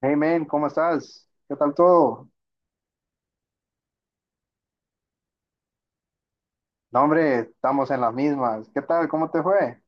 Hey man, ¿cómo estás? ¿Qué tal todo? No, hombre, estamos en las mismas. ¿Qué tal? ¿Cómo te fue?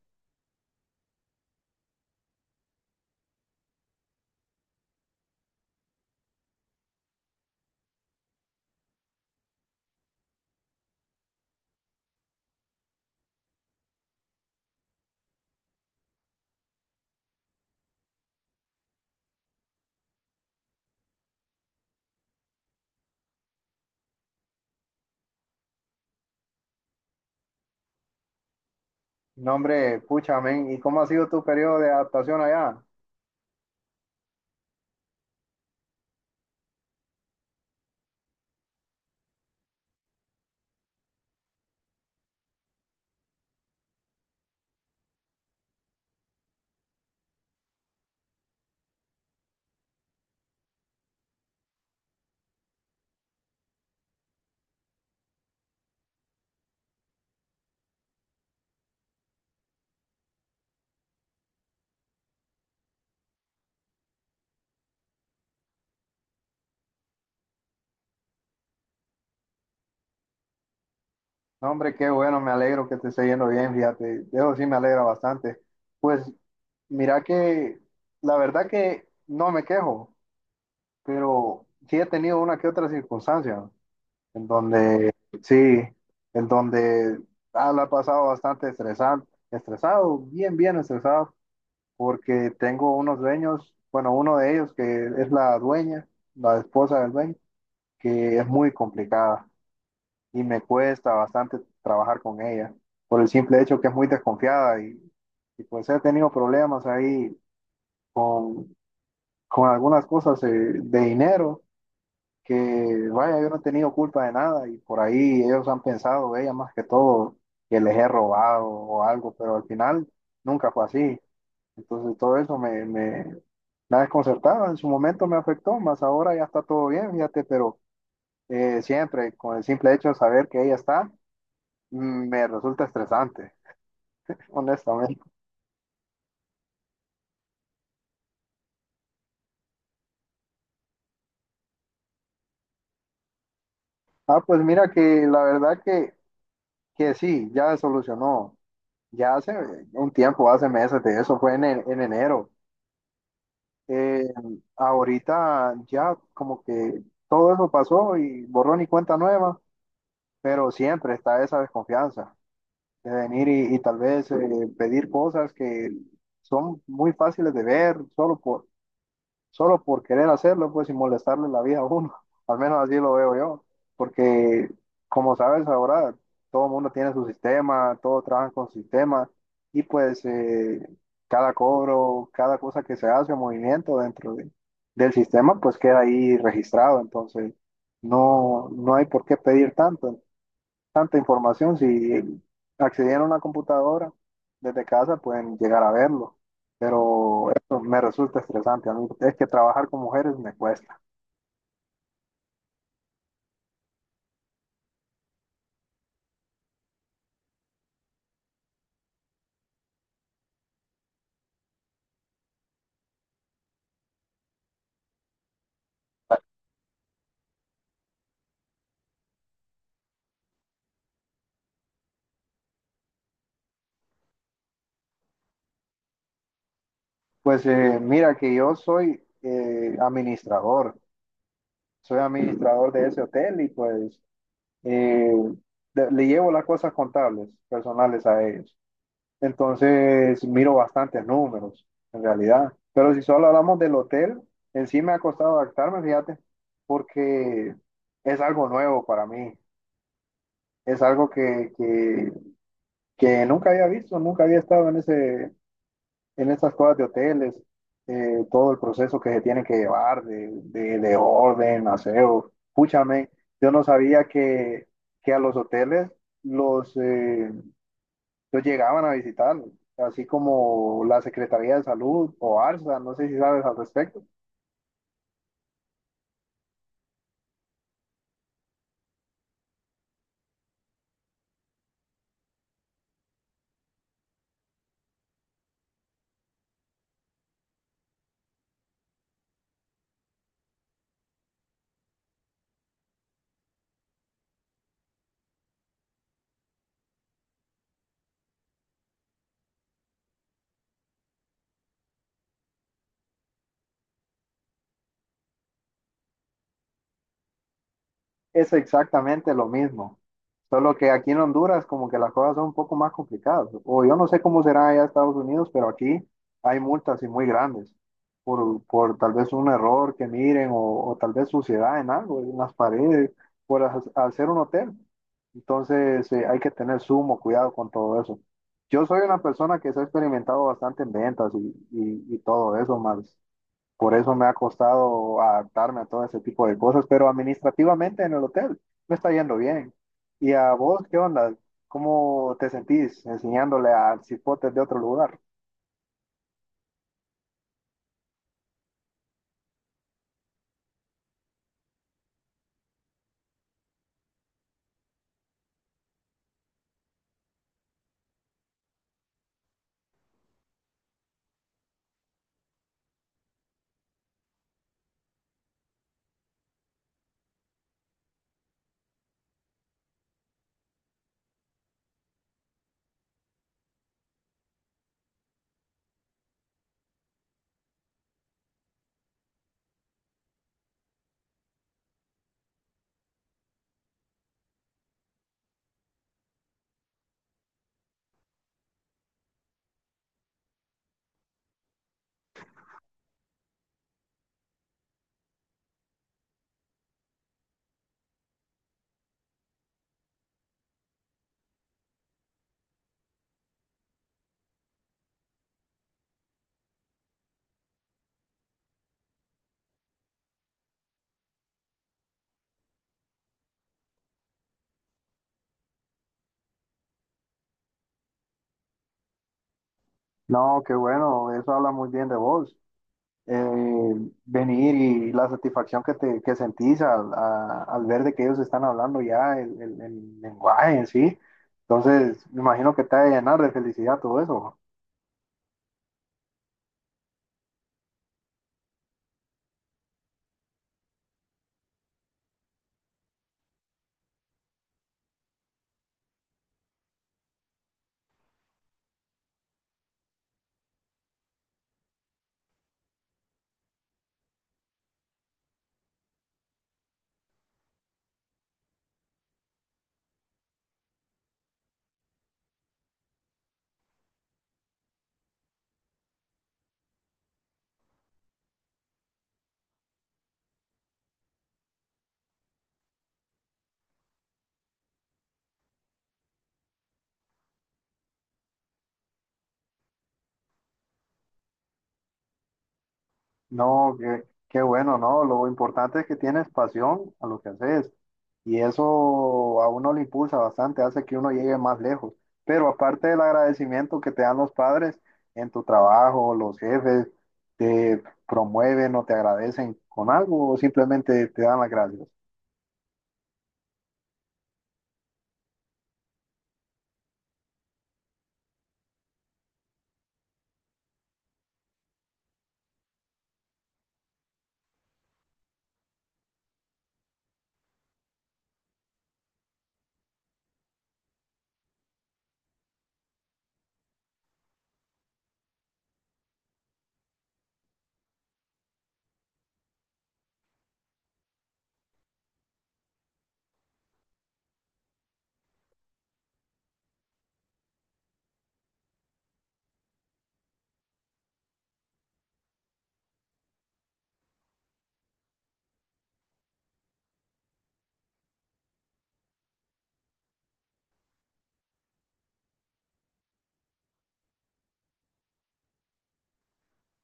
No, hombre, pucha, men, ¿y cómo ha sido tu periodo de adaptación allá? No, hombre, qué bueno, me alegro que te esté yendo bien, fíjate. De eso sí me alegra bastante. Pues mira que la verdad que no me quejo, pero sí he tenido una que otra circunstancia en donde, sí, en donde la he pasado bastante estresado, estresado, bien, bien estresado, porque tengo unos dueños, bueno, uno de ellos que es la dueña, la esposa del dueño, que es muy complicada y me cuesta bastante trabajar con ella, por el simple hecho que es muy desconfiada, y pues he tenido problemas ahí con, con algunas cosas de dinero, que vaya, yo no he tenido culpa de nada y por ahí ellos han pensado, ella más que todo, que les he robado o algo, pero al final nunca fue así. Entonces todo eso me desconcertaba, en su momento me afectó, más ahora ya está todo bien, fíjate, pero siempre con el simple hecho de saber que ella está, me resulta estresante, honestamente. Ah, pues mira que la verdad que sí, ya se solucionó, ya hace un tiempo, hace meses de eso, fue en, en enero. Eh, Ahorita ya como que todo eso pasó y borrón y cuenta nueva, pero siempre está esa desconfianza de venir y tal vez pedir cosas que son muy fáciles de ver solo por, solo por querer hacerlo, pues, y molestarle la vida a uno. Al menos así lo veo yo, porque como sabes ahora, todo el mundo tiene su sistema, todos trabajan con su sistema, y pues cada cobro, cada cosa que se hace, movimiento del sistema, pues queda ahí registrado. Entonces no, no hay por qué pedir tanto tanta información. Si accedieran a una computadora desde casa, pueden llegar a verlo. Pero eso me resulta estresante. A mí es que trabajar con mujeres me cuesta. Pues mira que yo soy administrador. Soy administrador de ese hotel y pues eh, le llevo las cosas contables, personales a ellos. Entonces miro bastantes números, en realidad. Pero si solo hablamos del hotel, en sí me ha costado adaptarme, fíjate, porque es algo nuevo para mí. Es algo que nunca había visto, nunca había estado en ese, en esas cosas de hoteles, todo el proceso que se tiene que llevar de orden, aseo. Púchame, yo no sabía que a los hoteles los, eh, ellos llegaban a visitarlos, así como la Secretaría de Salud o ARSA, no sé si sabes al respecto. Es exactamente lo mismo, solo que aquí en Honduras como que las cosas son un poco más complicadas. O yo no sé cómo será allá en Estados Unidos, pero aquí hay multas y muy grandes por tal vez un error que miren o tal vez suciedad en algo, en las paredes, por hacer un hotel. Entonces hay que tener sumo cuidado con todo eso. Yo soy una persona que se ha experimentado bastante en ventas y todo eso más. Por eso me ha costado adaptarme a todo ese tipo de cosas, pero administrativamente en el hotel me está yendo bien. ¿Y a vos qué onda? ¿Cómo te sentís enseñándole a cipotes de otro lugar? No, qué bueno, eso habla muy bien de vos. Eh, Venir y la satisfacción que sentís al ver de que ellos están hablando ya el lenguaje en sí. Entonces, me imagino que te ha de llenar de felicidad todo eso. No, qué, qué bueno, ¿no? Lo importante es que tienes pasión a lo que haces, y eso a uno le impulsa bastante, hace que uno llegue más lejos. Pero aparte del agradecimiento que te dan los padres en tu trabajo, los jefes te promueven o te agradecen con algo o simplemente te dan las gracias.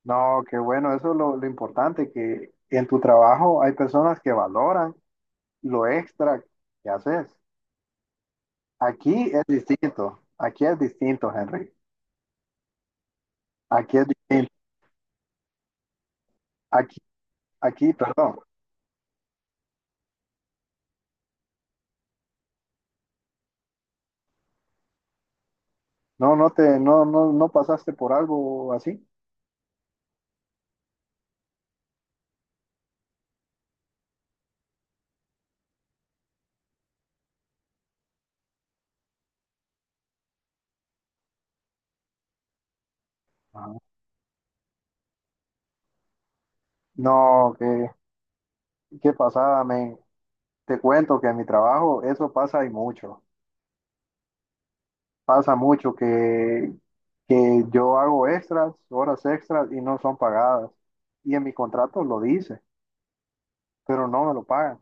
No, qué bueno, eso es lo importante, que en tu trabajo hay personas que valoran lo extra que haces. Aquí es distinto, Henry. Aquí es distinto. Aquí, aquí, perdón. No, no pasaste por algo así. Ajá. No, qué, qué pasada, men. Te cuento que en mi trabajo eso pasa y mucho. Pasa mucho que yo hago extras, horas extras y no son pagadas. Y en mi contrato lo dice, pero no me lo pagan.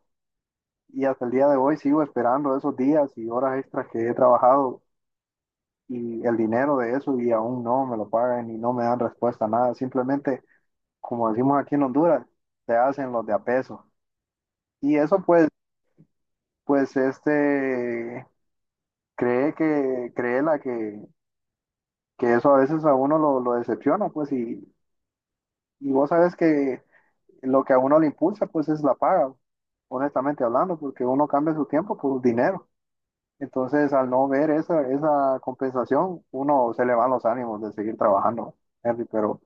Y hasta el día de hoy sigo esperando esos días y horas extras que he trabajado y el dinero de eso y aún no me lo pagan y no me dan respuesta a nada. Simplemente como decimos aquí en Honduras, se hacen los de a peso. Y eso pues, pues este, cree que, cree la que eso a veces a uno lo decepciona, pues, y vos sabes que lo que a uno le impulsa, pues, es la paga, honestamente hablando, porque uno cambia su tiempo por dinero. Entonces, al no ver esa compensación, uno se le van los ánimos de seguir trabajando, Henry, pero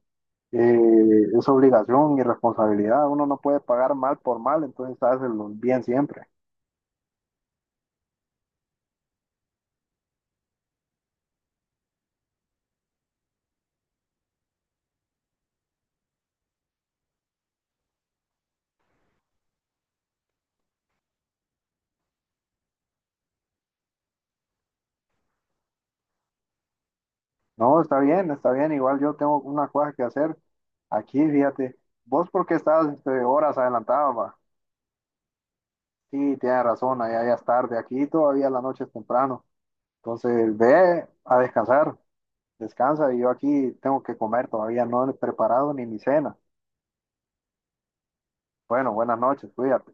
es obligación y responsabilidad. Uno no puede pagar mal por mal, entonces hacerlo bien siempre. No, está bien, está bien. Igual yo tengo una cosa que hacer aquí, fíjate. Vos porque estás este, horas adelantado, va. Sí, tienes razón, allá ya es tarde. Aquí todavía la noche es temprano. Entonces, ve a descansar, descansa. Y yo aquí tengo que comer, todavía no he preparado ni mi cena. Bueno, buenas noches, cuídate.